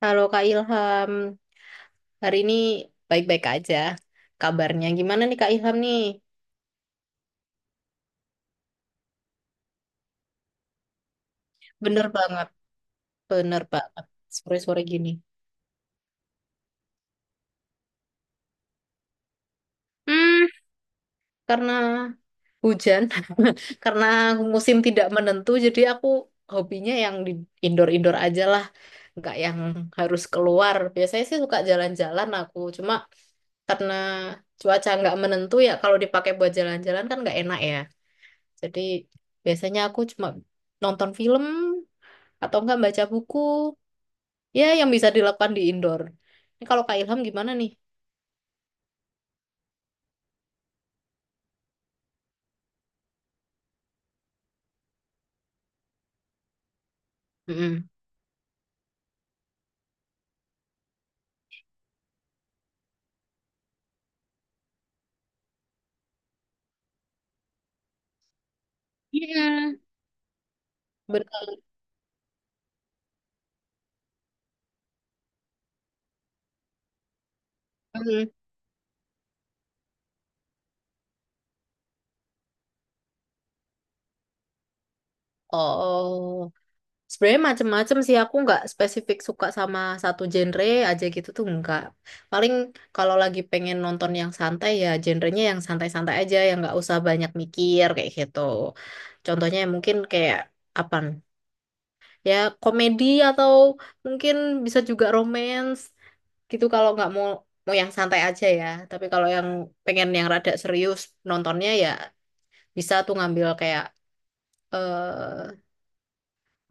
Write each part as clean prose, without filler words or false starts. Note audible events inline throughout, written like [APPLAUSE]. Halo Kak Ilham, hari ini baik-baik aja kabarnya. Gimana nih Kak Ilham nih? Bener banget, bener banget. Sore-sore gini. Hmm, karena hujan, [LAUGHS] karena musim tidak menentu, jadi aku hobinya yang di indoor-indoor aja lah, nggak yang harus keluar. Biasanya sih suka jalan-jalan aku, cuma karena cuaca nggak menentu ya kalau dipakai buat jalan-jalan kan nggak enak ya. Jadi biasanya aku cuma nonton film atau enggak baca buku ya yang bisa dilakukan di indoor ini. Kalau Kak Ilham gimana nih? Mm-mm. Iya. Bener. Mm. Oh, sebenarnya macem-macem sih, aku nggak spesifik suka sama satu genre aja gitu tuh nggak. Paling kalau lagi pengen nonton yang santai ya genrenya yang santai-santai aja yang nggak usah banyak mikir kayak gitu. Contohnya mungkin kayak apa ya, komedi atau mungkin bisa juga romance gitu. Kalau nggak mau mau yang santai aja ya. Tapi kalau yang pengen yang rada serius nontonnya ya bisa tuh ngambil kayak eh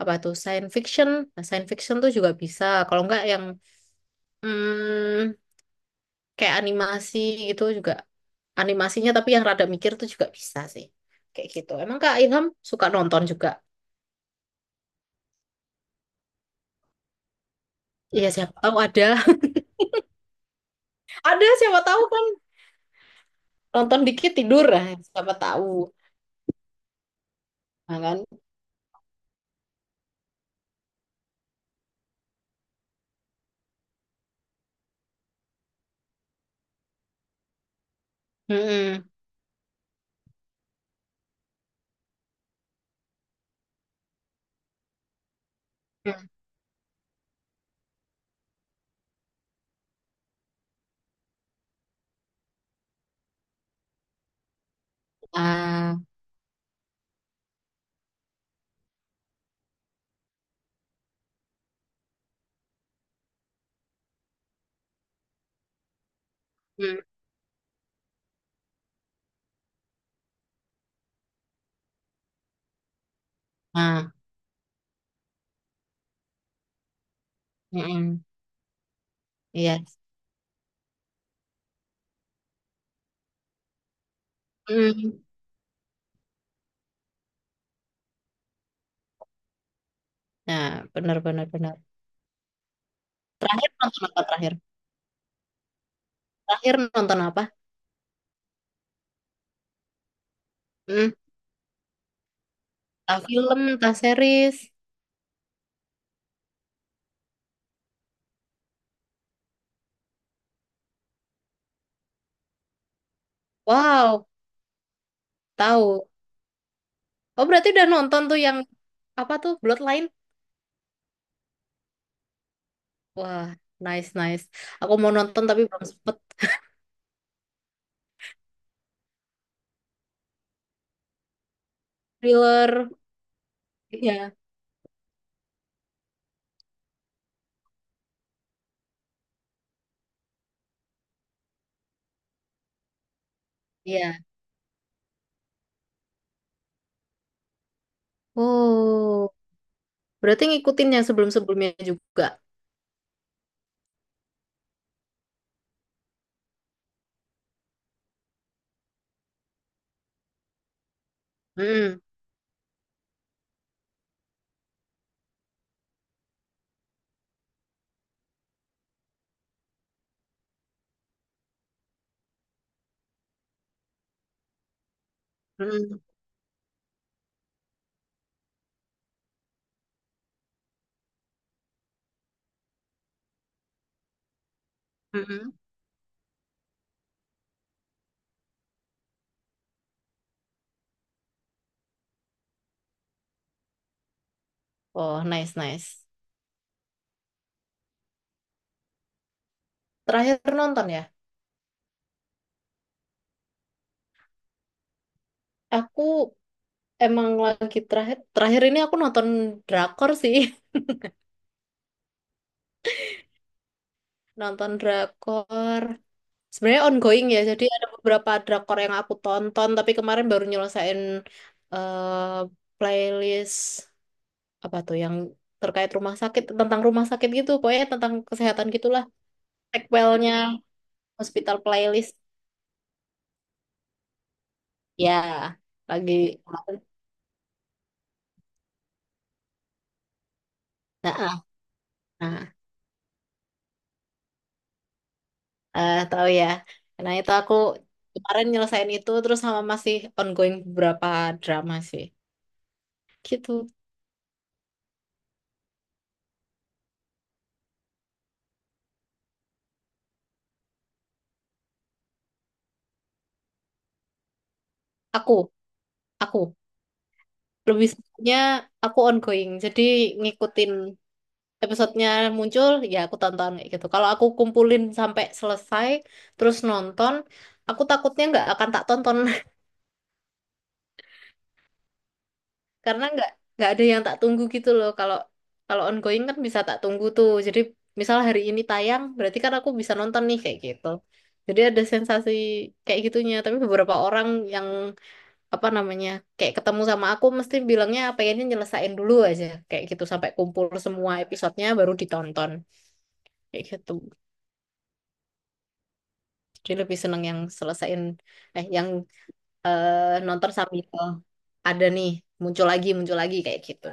apa tuh science fiction. Nah, science fiction tuh juga bisa. Kalau nggak yang hmm, kayak animasi gitu juga, animasinya tapi yang rada mikir tuh juga bisa sih kayak gitu. Emang Kak Ilham suka nonton juga? Iya siapa tahu ada. [LAUGHS] Ada siapa tahu kan, nonton dikit tidur. Nah, siapa tahu. Nah, kan? Mm-mm. Mm. Ah. Mm. Ah. Mm-mm. Iya. Mm. Nah, benar, benar, benar. Terakhir nonton apa terakhir? Terakhir nonton apa? Mm. Entah film, entah series. Wow, tahu. Oh, berarti udah nonton tuh yang apa tuh? Bloodline? Wah, nice, nice. Aku mau nonton tapi belum sempet. Thriller. Iya, iya. Oh, berarti ngikutin yang sebelum-sebelumnya juga. Hmm. Mm. Mm. Oh, nice, nice. Terakhir nonton ya. Aku emang lagi terakhir terakhir ini aku nonton drakor sih. [LAUGHS] Nonton drakor. Sebenarnya ongoing ya, jadi ada beberapa drakor yang aku tonton, tapi kemarin baru nyelesain eh, playlist apa tuh yang terkait rumah sakit, tentang rumah sakit gitu, pokoknya tentang kesehatan gitulah. Sequelnya Hospital Playlist ya lagi. Nah, ah. Nah, eh tahu ya. Nah, itu aku kemarin nyelesain itu terus sama masih ongoing beberapa drama sih. Gitu. Aku, aku lebih sukanya aku ongoing. Jadi ngikutin episodenya muncul ya aku tonton kayak gitu. Kalau aku kumpulin sampai selesai terus nonton, aku takutnya nggak akan tak tonton. [LAUGHS] Karena nggak ada yang tak tunggu gitu loh. Kalau kalau ongoing kan bisa tak tunggu tuh, jadi misal hari ini tayang berarti kan aku bisa nonton nih kayak gitu. Jadi ada sensasi kayak gitunya. Tapi beberapa orang yang apa namanya kayak ketemu sama aku mesti bilangnya pengennya nyelesain dulu aja kayak gitu sampai kumpul semua episodenya baru ditonton kayak gitu. Jadi lebih seneng yang selesain yang nonton sambil oh, ada nih muncul lagi kayak gitu.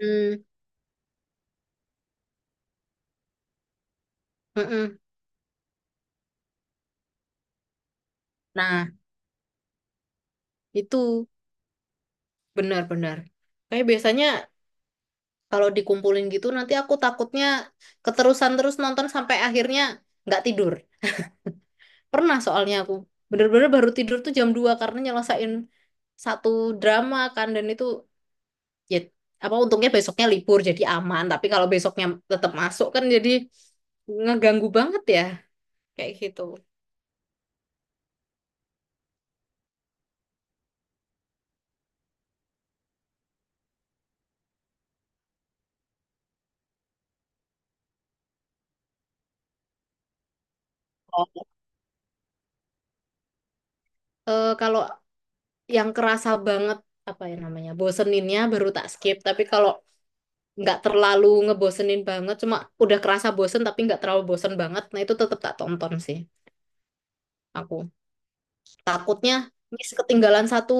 Hmm. Mm-mm. Nah, itu benar-benar. Kayak biasanya kalau dikumpulin gitu nanti aku takutnya keterusan terus nonton sampai akhirnya nggak tidur. Pernah soalnya aku bener-bener baru tidur tuh jam 2 karena nyelesain satu drama kan, dan itu ya apa untungnya besoknya libur jadi aman. Tapi kalau besoknya tetap masuk kan jadi ngeganggu banget ya kayak gitu. Eh, kalau yang kerasa banget apa ya namanya boseninnya baru tak skip. Tapi kalau nggak terlalu ngebosenin banget cuma udah kerasa bosen tapi nggak terlalu bosen banget, nah itu tetap tak tonton sih. Aku takutnya miss ketinggalan satu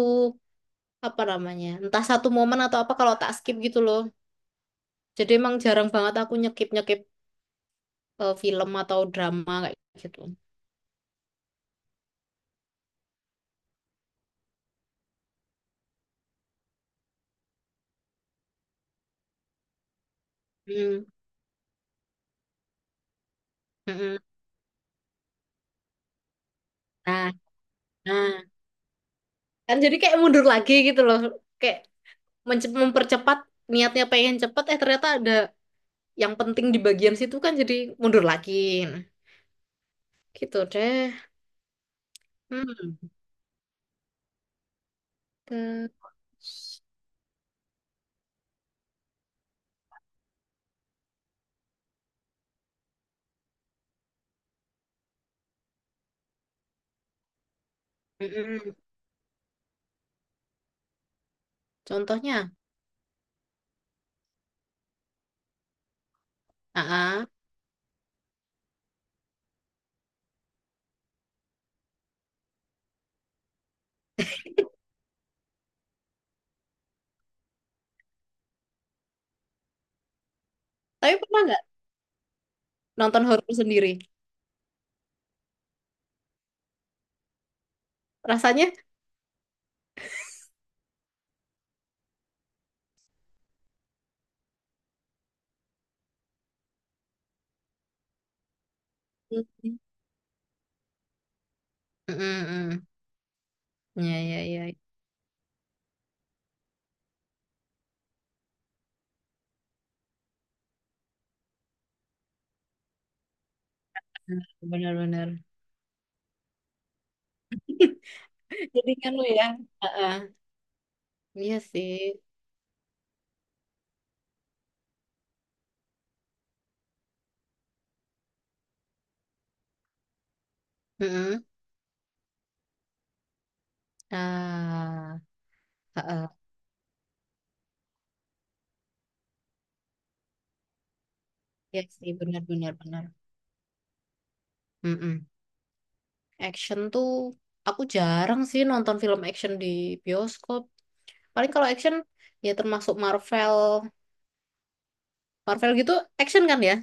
apa namanya entah satu momen atau apa kalau tak skip gitu loh. Jadi emang jarang banget aku nyekip nyekip film atau drama kayak gitu. Hmm. Mm-mm. Nah, nah, kan jadi kayak mundur lagi gitu loh. Kayak mempercepat niatnya pengen cepet ternyata ada yang penting di bagian situ kan, jadi mundur lagi. Nah, gitu deh. Hmm. Terus, mm-mm. Contohnya, ah. Tapi pernah nggak nonton horor sendiri? Rasanya, mm, mm, mm. Ya, ya, ya, benar-benar. [LAUGHS] Jadi kan lu ya, ah. Iya sih. Mm-mm. Ah, ah, ah. Iya sih, benar-benar benar. Benar, benar. Mm-mm. Action tuh, aku jarang sih nonton film action di bioskop. Paling kalau action ya termasuk Marvel, Marvel gitu action kan ya?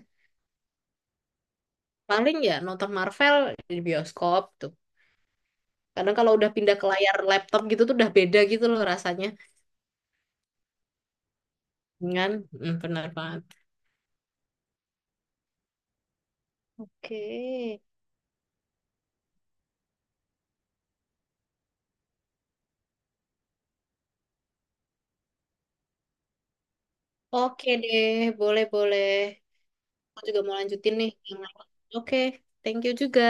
Paling ya nonton Marvel di bioskop tuh. Kadang kalau udah pindah ke layar laptop gitu tuh udah beda gitu loh rasanya. Dengan benar banget. Oke. Oke deh, boleh-boleh. Aku juga mau lanjutin nih yang lain. Oke, thank you juga.